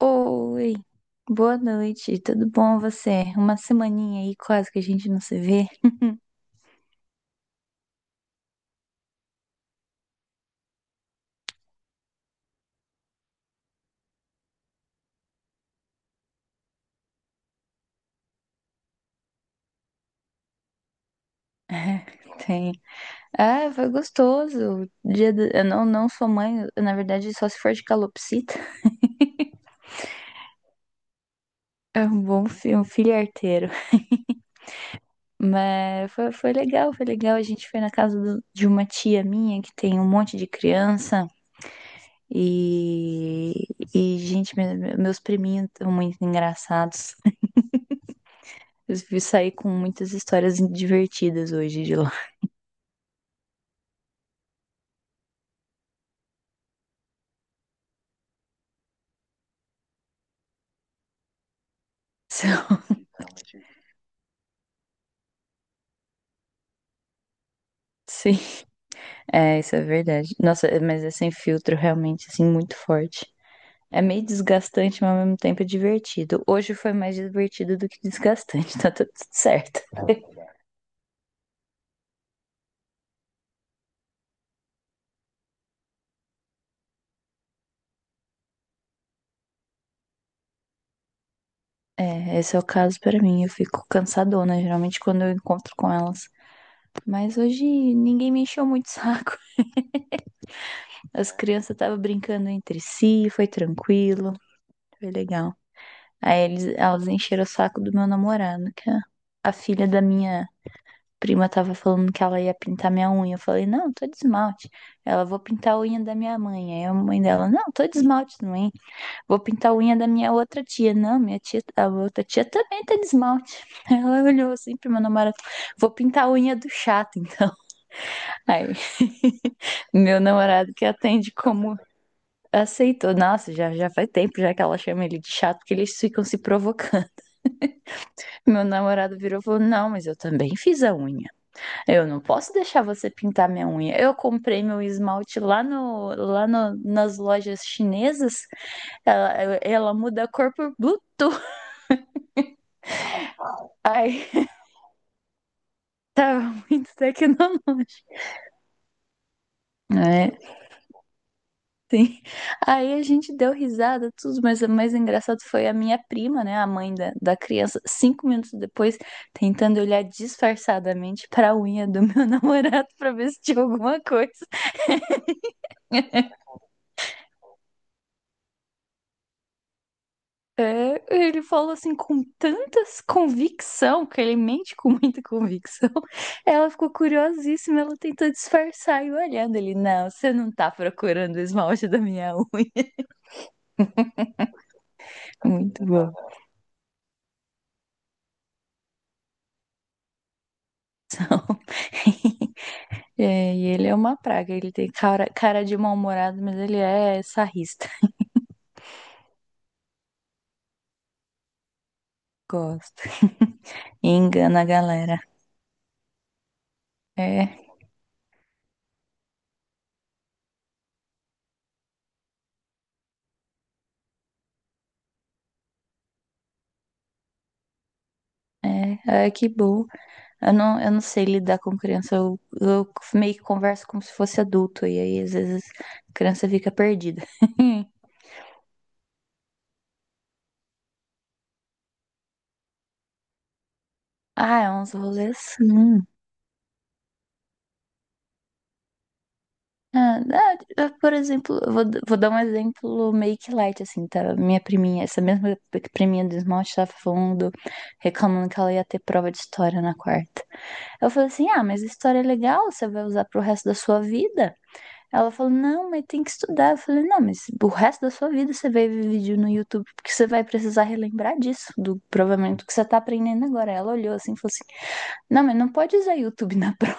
Oi, boa noite, tudo bom você? Uma semaninha aí quase que a gente não se vê. É, Tem. Ah, foi gostoso. Eu não sou mãe, eu, na verdade, só se for de calopsita. É um bom filho, um filho arteiro. Mas foi legal, foi legal. A gente foi na de uma tia minha que tem um monte de criança. E, e gente, meus priminhos estão muito engraçados. Eu saí com muitas histórias divertidas hoje de lá. São- Sim, isso é verdade. Nossa, mas é sem filtro realmente, assim, muito forte. É meio desgastante, mas ao mesmo tempo é divertido. Hoje foi mais divertido do que desgastante, tá tudo certo. É, esse é o caso pra mim. Eu fico cansadona, geralmente quando eu encontro com elas. Mas hoje ninguém me encheu muito o saco. As crianças estavam brincando entre si, foi tranquilo, foi legal. Aí elas encheram o saco do meu namorado, que é a filha da minha prima tava falando que ela ia pintar minha unha. Eu falei, não, tô de esmalte. Ela, vou pintar a unha da minha mãe. Aí a mãe dela, não, tô de esmalte também. Vou pintar a unha da minha outra tia. Não, minha tia, a outra tia também tá de esmalte. Ela olhou assim pro meu namorado, vou pintar a unha do chato, então. Aí, meu namorado que atende como aceitou. Nossa, já faz tempo já que ela chama ele de chato, porque eles ficam se provocando. Meu namorado virou e falou, não, mas eu também fiz a unha. Eu não posso deixar você pintar minha unha. Eu comprei meu esmalte lá no- nas lojas chinesas. Ela muda a cor por Bluetooth. Aí tava muito tecnológico. É, sim. Aí a gente deu risada, tudo, mas o mais engraçado foi a minha prima, né, a mãe da criança, 5 minutos depois, tentando olhar disfarçadamente pra unha do meu namorado pra ver se tinha alguma coisa. É, ele falou assim com tantas convicção, que ele mente com muita convicção. Ela ficou curiosíssima, ela tentou disfarçar e olhando ele, não, você não tá procurando o esmalte da minha unha. Muito bom. É, e ele é uma praga, ele tem cara de mal-humorado, mas ele é sarrista. Gosto. Engana a galera. É, é, que bom. Eu não sei lidar com criança. Eu meio que converso como se fosse adulto. E aí, às vezes, a criança fica perdida. Ah, é uns rolês assim. Eu, por exemplo, vou dar um exemplo meio que light, assim, tá? Minha priminha, essa mesma priminha do esmalte tava falando, reclamando que ela ia ter prova de história na quarta. Eu falei assim, ah, mas história é legal, você vai usar pro resto da sua vida. Ela falou, não, mas tem que estudar. Eu falei, não, mas o resto da sua vida você vai ver vídeo no YouTube, porque você vai precisar relembrar disso, do provavelmente do que você tá aprendendo agora. Ela olhou assim e falou assim, não, mas não pode usar YouTube na prova.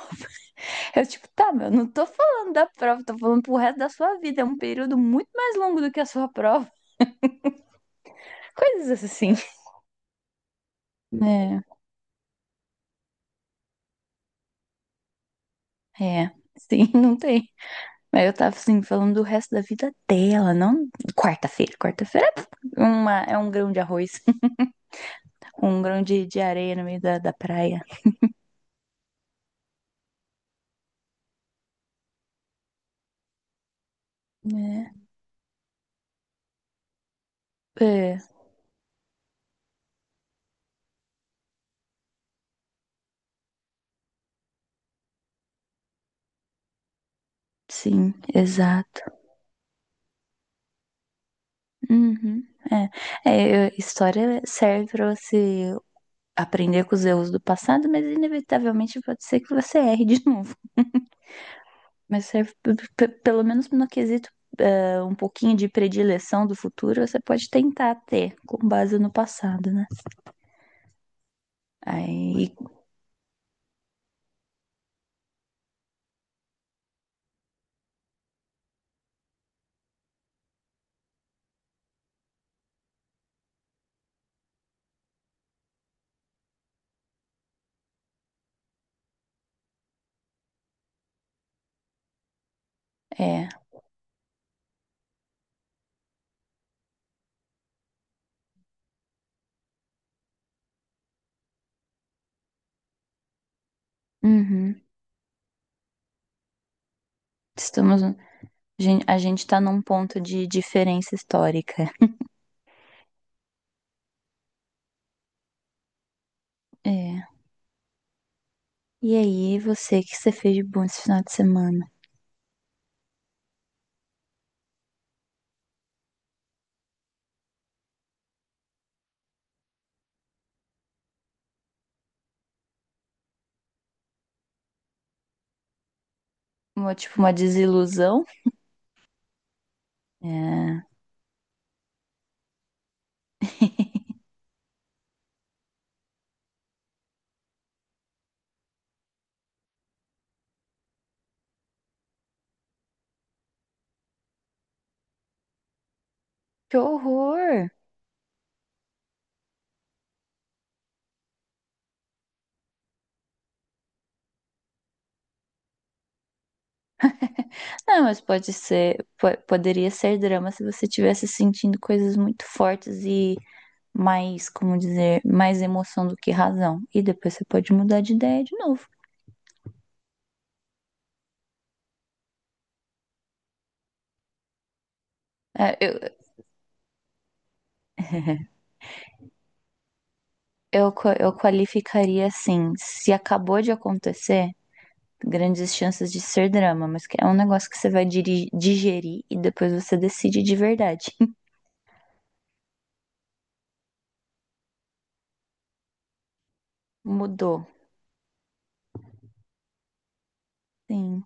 Eu, tipo, tá, meu, não tô falando da prova, tô falando pro resto da sua vida. É um período muito mais longo do que a sua prova. Coisas assim. É, é, sim, não tem. Mas eu tava assim, falando do resto da vida dela, não quarta-feira. Quarta-feira é, é um grão de arroz, com um grão de areia no meio da praia. É, é, sim, exato. Uhum, é. História serve para você aprender com os erros do passado, mas inevitavelmente pode ser que você erre de novo. Mas serve, pelo menos no quesito, é, um pouquinho de predileção do futuro, você pode tentar ter com base no passado, né? Aí, é. Uhum. Estamos. A gente tá num ponto de diferença histórica. É. E aí, o que você fez de bom esse final de semana? Uma, tipo, uma desilusão? É. Que horror! Não, mas pode ser, poderia ser drama se você estivesse sentindo coisas muito fortes e mais, como dizer, mais emoção do que razão. E depois você pode mudar de ideia de novo. É, eu, eu qualificaria assim, se acabou de acontecer, grandes chances de ser drama, mas que é um negócio que você vai digerir e depois você decide de verdade. Mudou. Sim.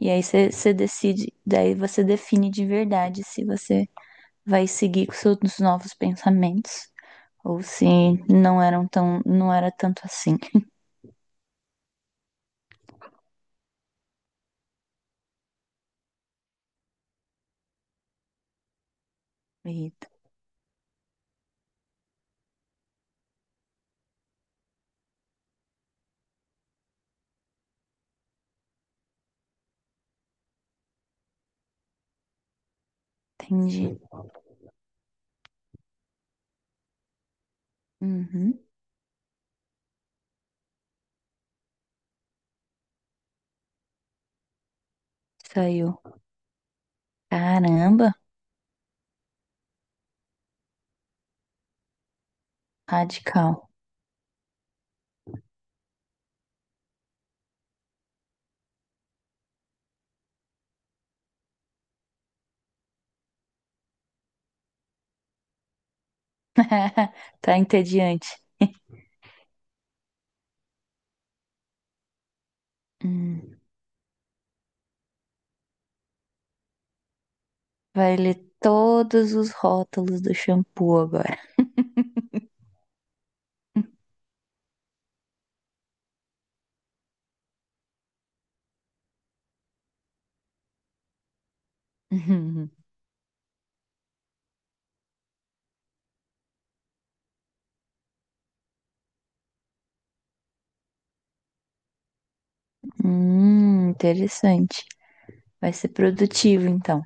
E aí você decide, daí você define de verdade se você vai seguir com seus novos pensamentos ou se não era tanto assim. Eita, entendi. Uhum, saiu. Caramba, radical. Tá entediante. Hum, vai ler todos os rótulos do shampoo agora. Interessante. Vai ser produtivo então.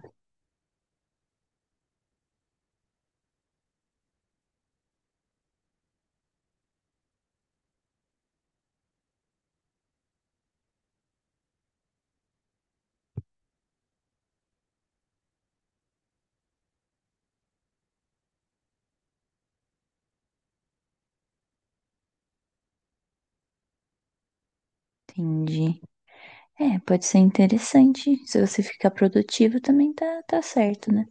Entendi. É, pode ser interessante. Se você ficar produtivo, também tá certo, né?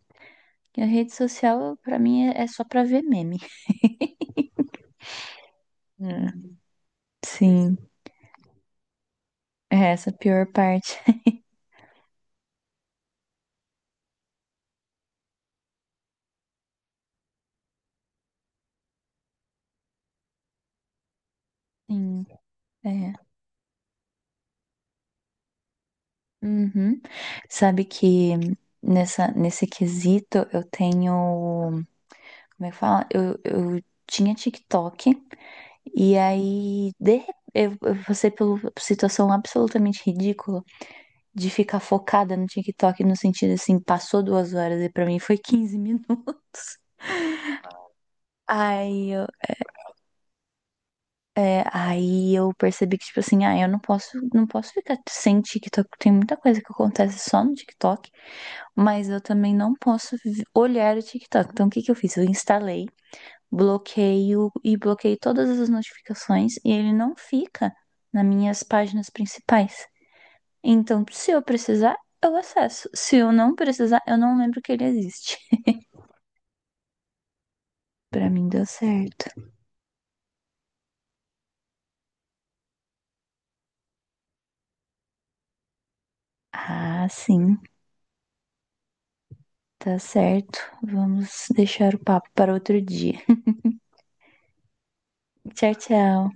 E a rede social, pra mim, é só pra ver meme. Hum, Sim, é essa a pior parte. Sim, é. Uhum. Sabe que nesse quesito eu tenho. Como é que fala? Eu tinha TikTok, e aí, de repente, eu passei por uma situação absolutamente ridícula de ficar focada no TikTok no sentido assim, passou 2 horas e pra mim foi 15 minutos. Aí eu, aí eu percebi que, tipo assim, ah, eu não posso, não posso ficar sem TikTok. Tem muita coisa que acontece só no TikTok, mas eu também não posso olhar o TikTok. Então, o que que eu fiz? Eu instalei, bloqueio e bloqueei todas as notificações e ele não fica nas minhas páginas principais. Então, se eu precisar, eu acesso. Se eu não precisar, eu não lembro que ele existe. Pra mim deu certo. Ah, sim, tá certo. Vamos deixar o papo para outro dia. Tchau, tchau.